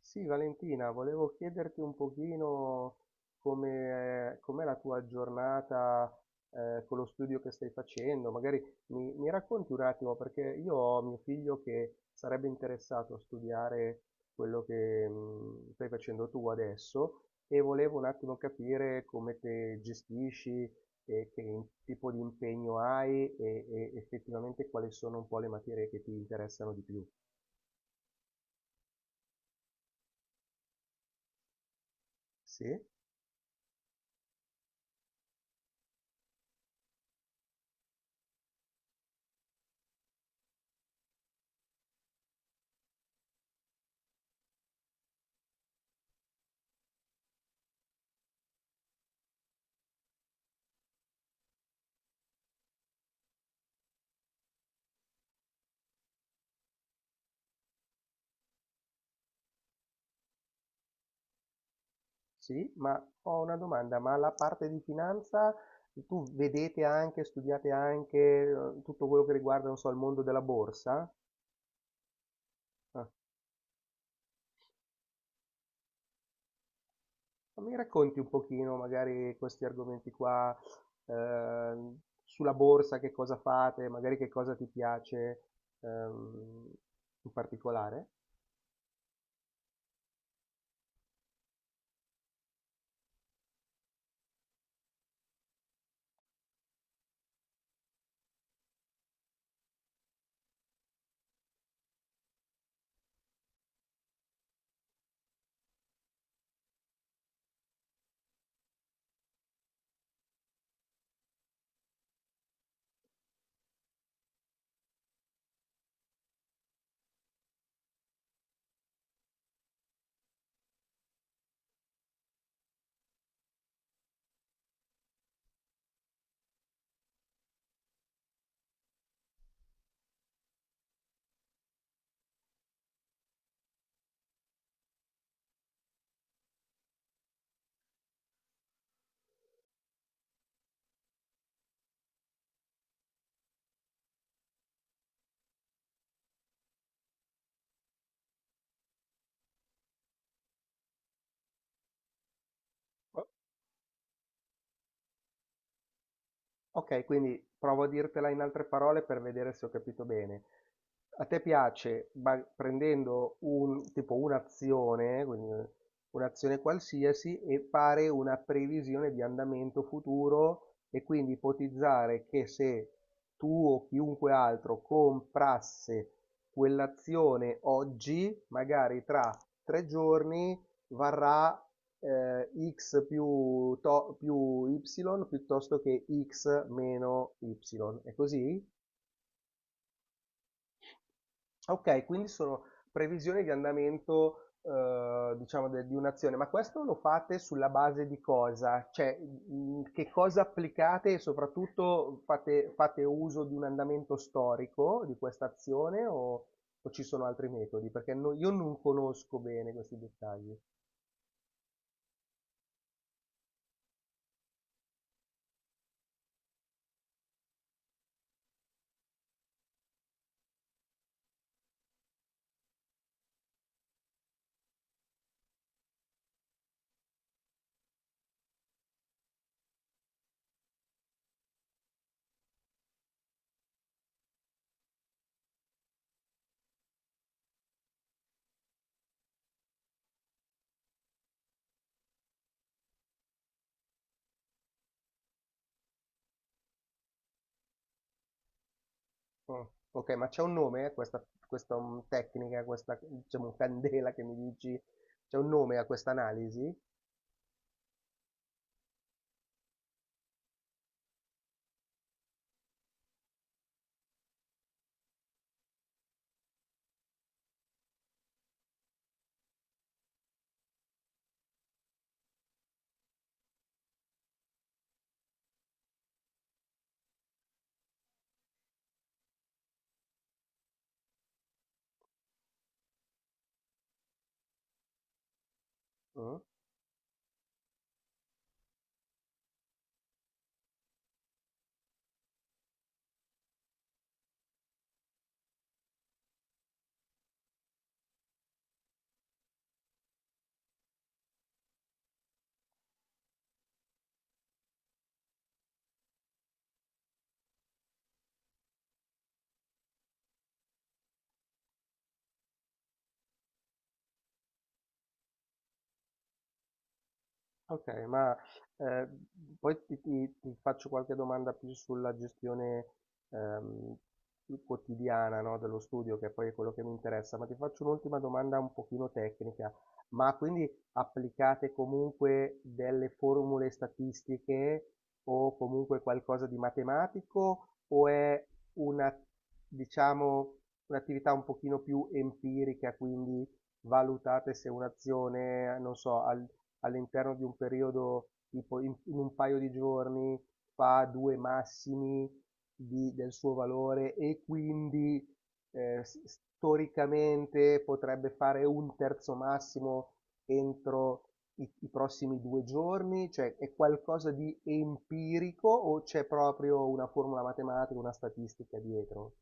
Sì, Valentina, volevo chiederti un pochino come, com'è la tua giornata con lo studio che stai facendo. Magari mi racconti un attimo, perché io ho mio figlio che sarebbe interessato a studiare quello che stai facendo tu adesso e volevo un attimo capire come te gestisci e che tipo di impegno hai e effettivamente quali sono un po' le materie che ti interessano di più. Sì? Sì, ma ho una domanda, ma la parte di finanza studiate anche tutto quello che riguarda, non so, il mondo della borsa? Ah, ma mi racconti un pochino magari questi argomenti qua, ehm, sulla borsa, che cosa fate, magari che cosa ti piace, ehm, in particolare? Ok, quindi provo a dirtela in altre parole per vedere se ho capito bene. A te piace, prendendo un, tipo un'azione, quindi un'azione qualsiasi, e fare una previsione di andamento futuro e quindi ipotizzare che se tu o chiunque altro comprasse quell'azione oggi, magari tra tre giorni, varrà eh, x più, più y piuttosto che x meno y. È così? Ok, quindi sono previsioni di andamento, diciamo, di un'azione, ma questo lo fate sulla base di cosa? Cioè, che cosa applicate e soprattutto fate uso di un andamento storico di questa azione o ci sono altri metodi? Perché io non conosco bene questi dettagli. Mm. Ok, ma c'è un nome a questa tecnica, a questa, diciamo, candela che mi dici? C'è un nome a questa analisi? Mm? Ok, ma eh, poi ti faccio qualche domanda più sulla gestione ehm, più quotidiana, no, dello studio, che poi è quello che mi interessa, ma ti faccio un'ultima domanda un pochino tecnica. Ma quindi applicate comunque delle formule statistiche o comunque qualcosa di matematico o è una, diciamo, un'attività un pochino più empirica, quindi valutate se un'azione, non so, al all'interno di un periodo, tipo in un paio di giorni, fa due massimi del suo valore e quindi storicamente potrebbe fare un terzo massimo entro i prossimi due giorni? Cioè è qualcosa di empirico o c'è proprio una formula matematica, una statistica dietro?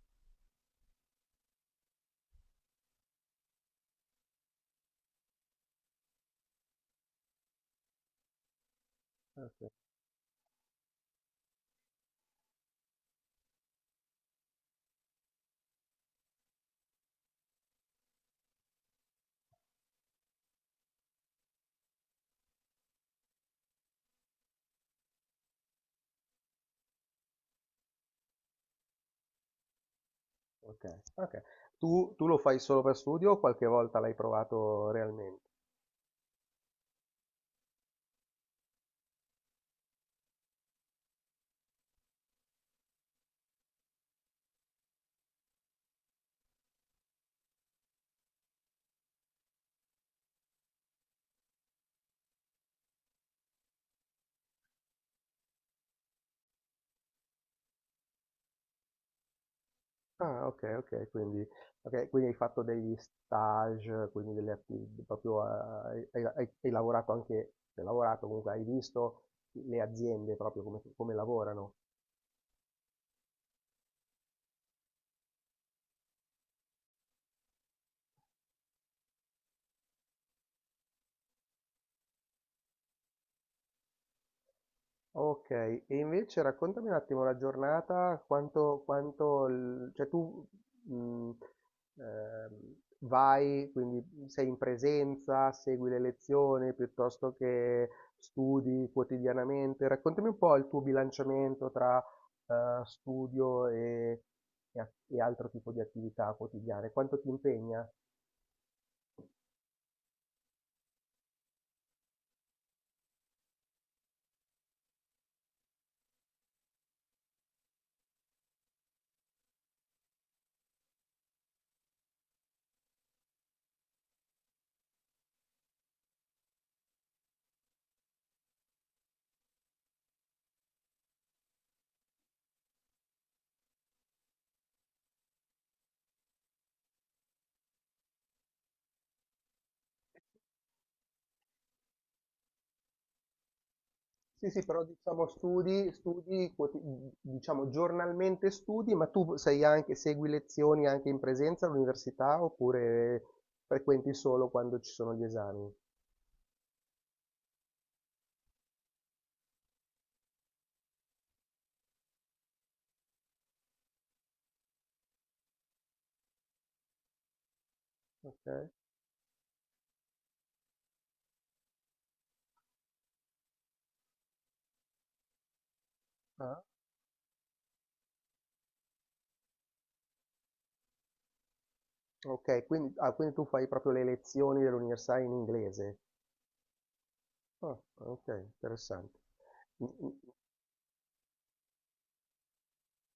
Ok, ok. Ok. Tu, tu lo fai solo per studio o qualche volta l'hai provato realmente? Ah, okay, okay, quindi hai fatto degli stage, quindi delle atti proprio a hai lavorato anche, cioè lavorato, comunque hai visto le aziende proprio come come lavorano. Ok, e invece raccontami un attimo la giornata, quanto cioè tu mh, vai, quindi sei in presenza, segui le lezioni piuttosto che studi quotidianamente. Raccontami un po' il tuo bilanciamento tra studio e, e altro tipo di attività quotidiane, quanto ti impegna? Sì, sì, però diciamo diciamo giornalmente studi, ma tu sei anche, segui lezioni anche in presenza all'università oppure frequenti solo quando ci sono gli esami? Ok. Ah, ok, quindi, ah, quindi tu fai proprio le lezioni dell'università in inglese. Ah, ok, interessante. Mm, mm,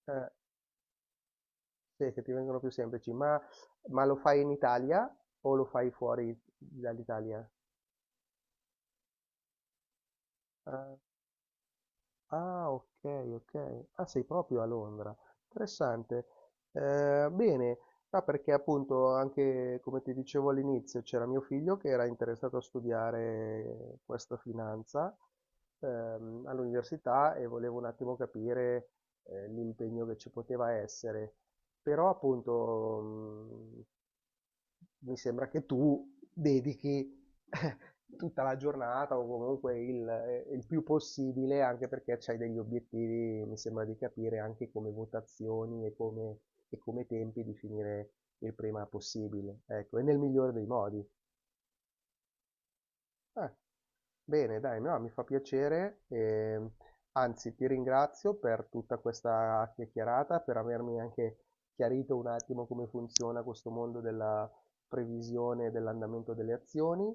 eh, sì, che ti vengono più semplici, ma lo fai in Italia o lo fai fuori dall'Italia? Ah, okay, okay. Ah, sei proprio a Londra. Interessante. Bene, no, perché appunto anche, come ti dicevo all'inizio, c'era mio figlio che era interessato a studiare questa finanza, all'università e volevo un attimo capire, l'impegno che ci poteva essere. Però appunto, mh, mi sembra che tu dedichi eh, tutta la giornata o comunque il più possibile, anche perché c'hai degli obiettivi, mi sembra di capire, anche come votazioni e come tempi di finire il prima possibile, ecco, e nel migliore dei modi. Eh, bene, dai, no, mi fa piacere, anzi ti ringrazio per tutta questa chiacchierata, per avermi anche chiarito un attimo come funziona questo mondo della previsione dell'andamento delle azioni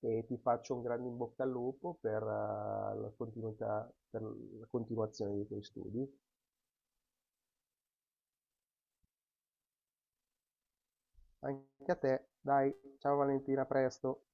e ti faccio un grande in bocca al lupo per, la continuità, per la continuazione dei tuoi studi. Anche a te, dai, ciao Valentina, a presto.